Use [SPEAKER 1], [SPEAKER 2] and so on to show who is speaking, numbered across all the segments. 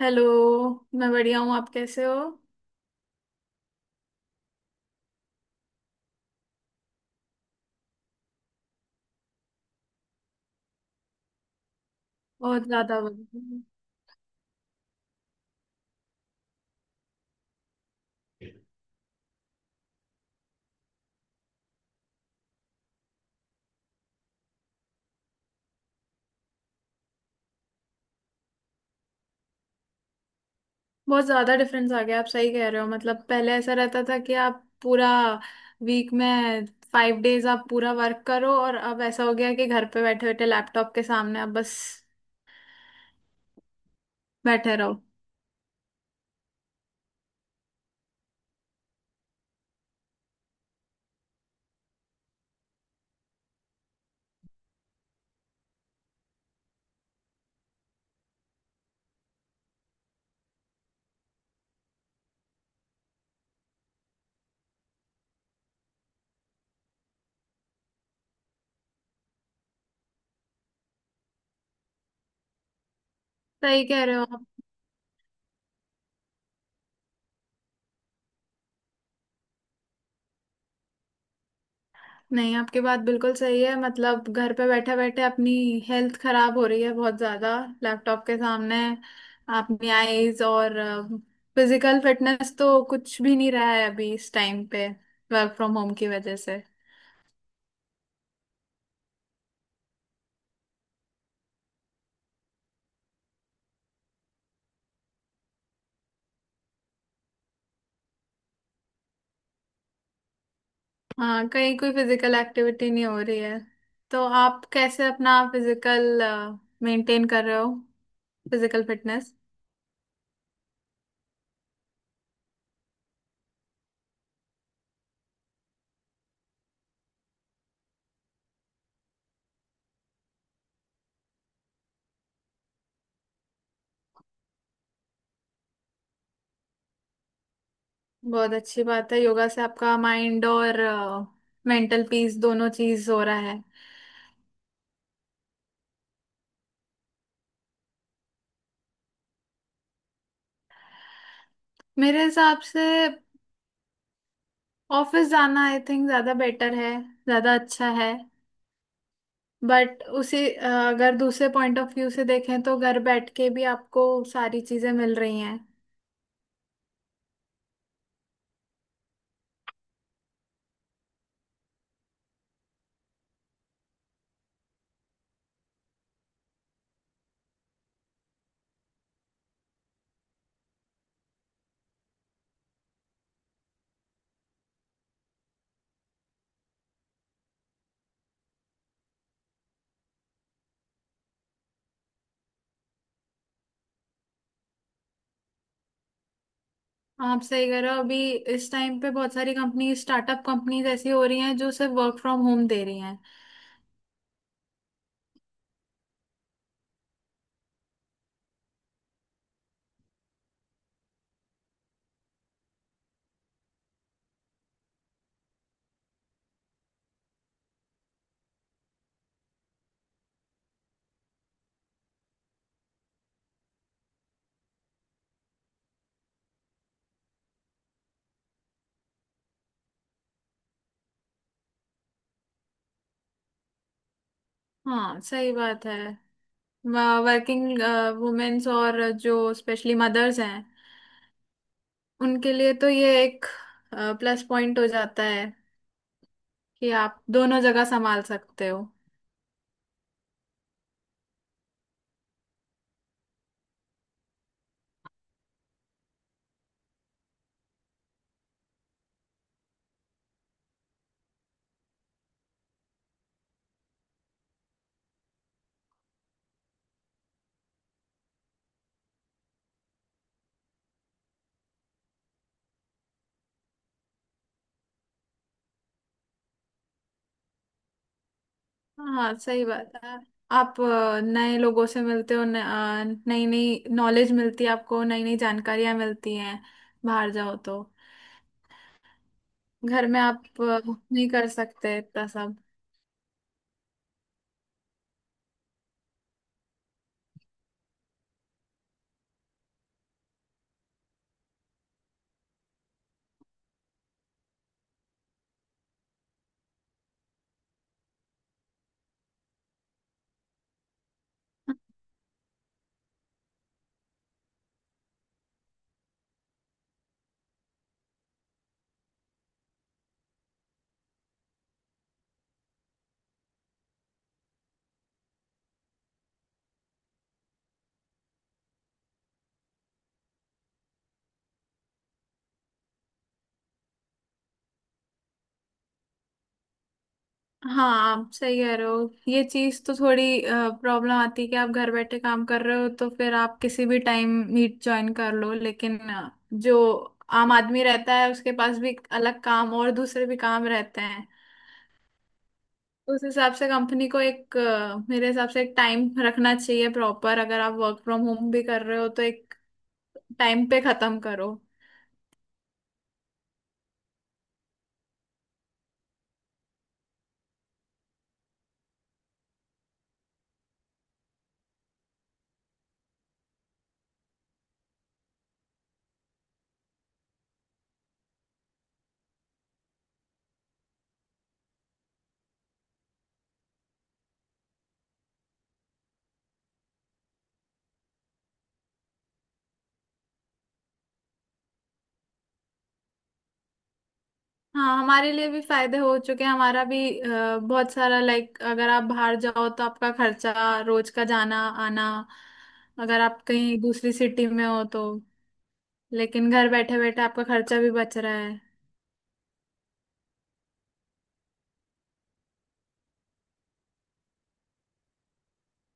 [SPEAKER 1] Hello. मैं बढ़िया हूँ, आप कैसे हो? बहुत ज्यादा बढ़िया। बहुत ज्यादा डिफरेंस आ गया, आप सही कह रहे हो। मतलब पहले ऐसा रहता था कि आप पूरा वीक में फाइव डेज आप पूरा वर्क करो, और अब ऐसा हो गया कि घर पे बैठे बैठे लैपटॉप के सामने आप बस बैठे रहो। सही कह रहे हो। नहीं, आपकी बात बिल्कुल सही है। मतलब घर पे बैठे बैठे अपनी हेल्थ खराब हो रही है बहुत ज्यादा, लैपटॉप के सामने, अपनी आईज और फिजिकल फिटनेस तो कुछ भी नहीं रहा है अभी इस टाइम पे, वर्क फ्रॉम होम की वजह से। हाँ, कहीं कोई फिजिकल एक्टिविटी नहीं हो रही है। तो आप कैसे अपना फिजिकल मेंटेन कर रहे हो? Physical fitness? बहुत अच्छी बात है, योगा से आपका माइंड और मेंटल पीस दोनों चीज हो रहा है। मेरे हिसाब से ऑफिस जाना आई थिंक ज्यादा बेटर है, ज्यादा अच्छा है। बट उसी अगर दूसरे पॉइंट ऑफ व्यू से देखें तो घर बैठ के भी आपको सारी चीजें मिल रही हैं। आप सही कह रहे हो, अभी इस टाइम पे बहुत सारी कंपनी, स्टार्टअप कंपनीज ऐसी हो रही हैं जो सिर्फ वर्क फ्रॉम होम दे रही हैं। हाँ सही बात है। वर्किंग वुमेन्स और जो स्पेशली मदर्स हैं, उनके लिए तो ये एक प्लस पॉइंट हो जाता है कि आप दोनों जगह संभाल सकते हो। हाँ सही बात है। आप नए लोगों से मिलते हो, नई नई नॉलेज मिलती है, आपको नई नई जानकारियां मिलती हैं बाहर जाओ तो। घर में आप नहीं कर सकते इतना सब। हाँ आप सही कह रहे हो, ये चीज तो थोड़ी प्रॉब्लम आती है कि आप घर बैठे काम कर रहे हो तो फिर आप किसी भी टाइम मीट ज्वाइन कर लो, लेकिन जो आम आदमी रहता है उसके पास भी अलग काम और दूसरे भी काम रहते। उस हिसाब से कंपनी को एक मेरे हिसाब से एक टाइम रखना चाहिए प्रॉपर, अगर आप वर्क फ्रॉम होम भी कर रहे हो तो एक टाइम पे खत्म करो। हाँ हमारे लिए भी फायदे हो चुके हैं। हमारा भी बहुत सारा, लाइक अगर आप बाहर जाओ तो आपका खर्चा रोज का जाना आना, अगर आप कहीं दूसरी सिटी में हो तो। लेकिन घर बैठे बैठे आपका खर्चा भी बच रहा है।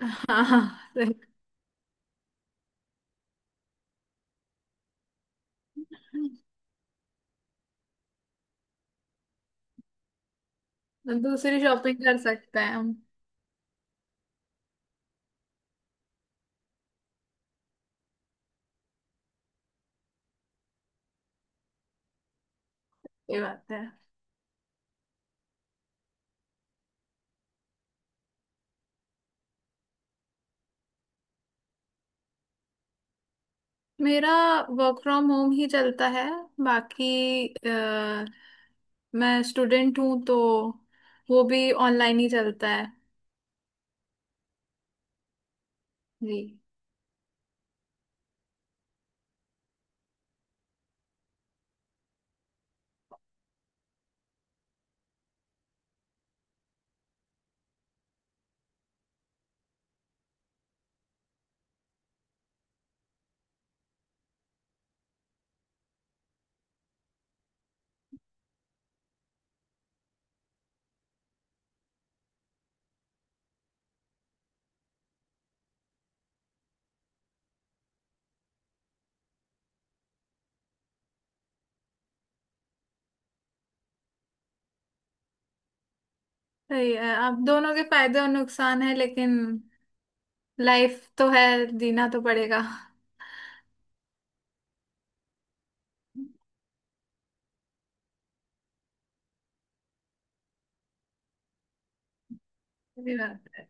[SPEAKER 1] हाँ। दूसरी शॉपिंग कर सकते हैं हम। ये बात है। मेरा वर्क फ्रॉम होम ही चलता है। बाकी मैं स्टूडेंट हूँ, तो वो भी ऑनलाइन ही चलता है। जी। सही है, अब दोनों के फायदे और नुकसान है, लेकिन लाइफ तो है, जीना तो पड़ेगा। सही बात है।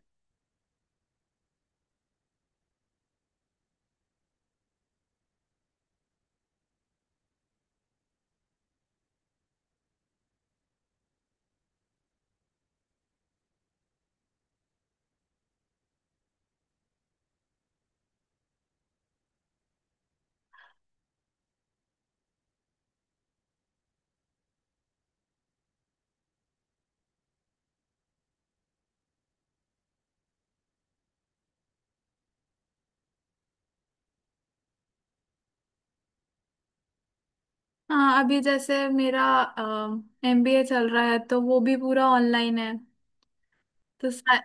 [SPEAKER 1] हाँ अभी जैसे मेरा एमबीए चल रहा है तो वो भी पूरा ऑनलाइन है। तो सा-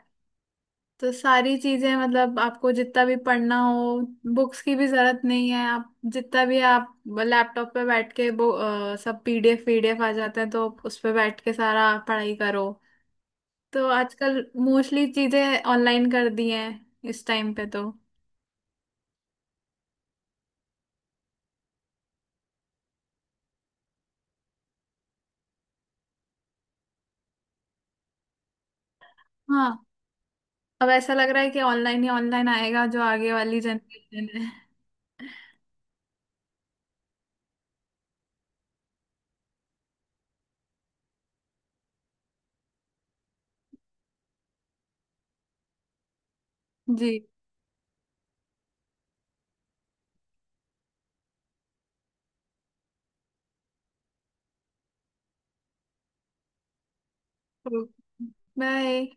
[SPEAKER 1] तो सारी चीजें, मतलब आपको जितना भी पढ़ना हो, बुक्स की भी जरूरत नहीं है, आप जितना भी आप लैपटॉप पे बैठ के वो सब पीडीएफ पीडीएफ आ जाते हैं, तो उस पे बैठ के सारा पढ़ाई करो। तो आजकल मोस्टली चीजें ऑनलाइन कर दी हैं इस टाइम पे तो। हाँ अब ऐसा लग रहा है कि ऑनलाइन ही ऑनलाइन आएगा, जो आगे वाली जनरेशन है। जी, बाय।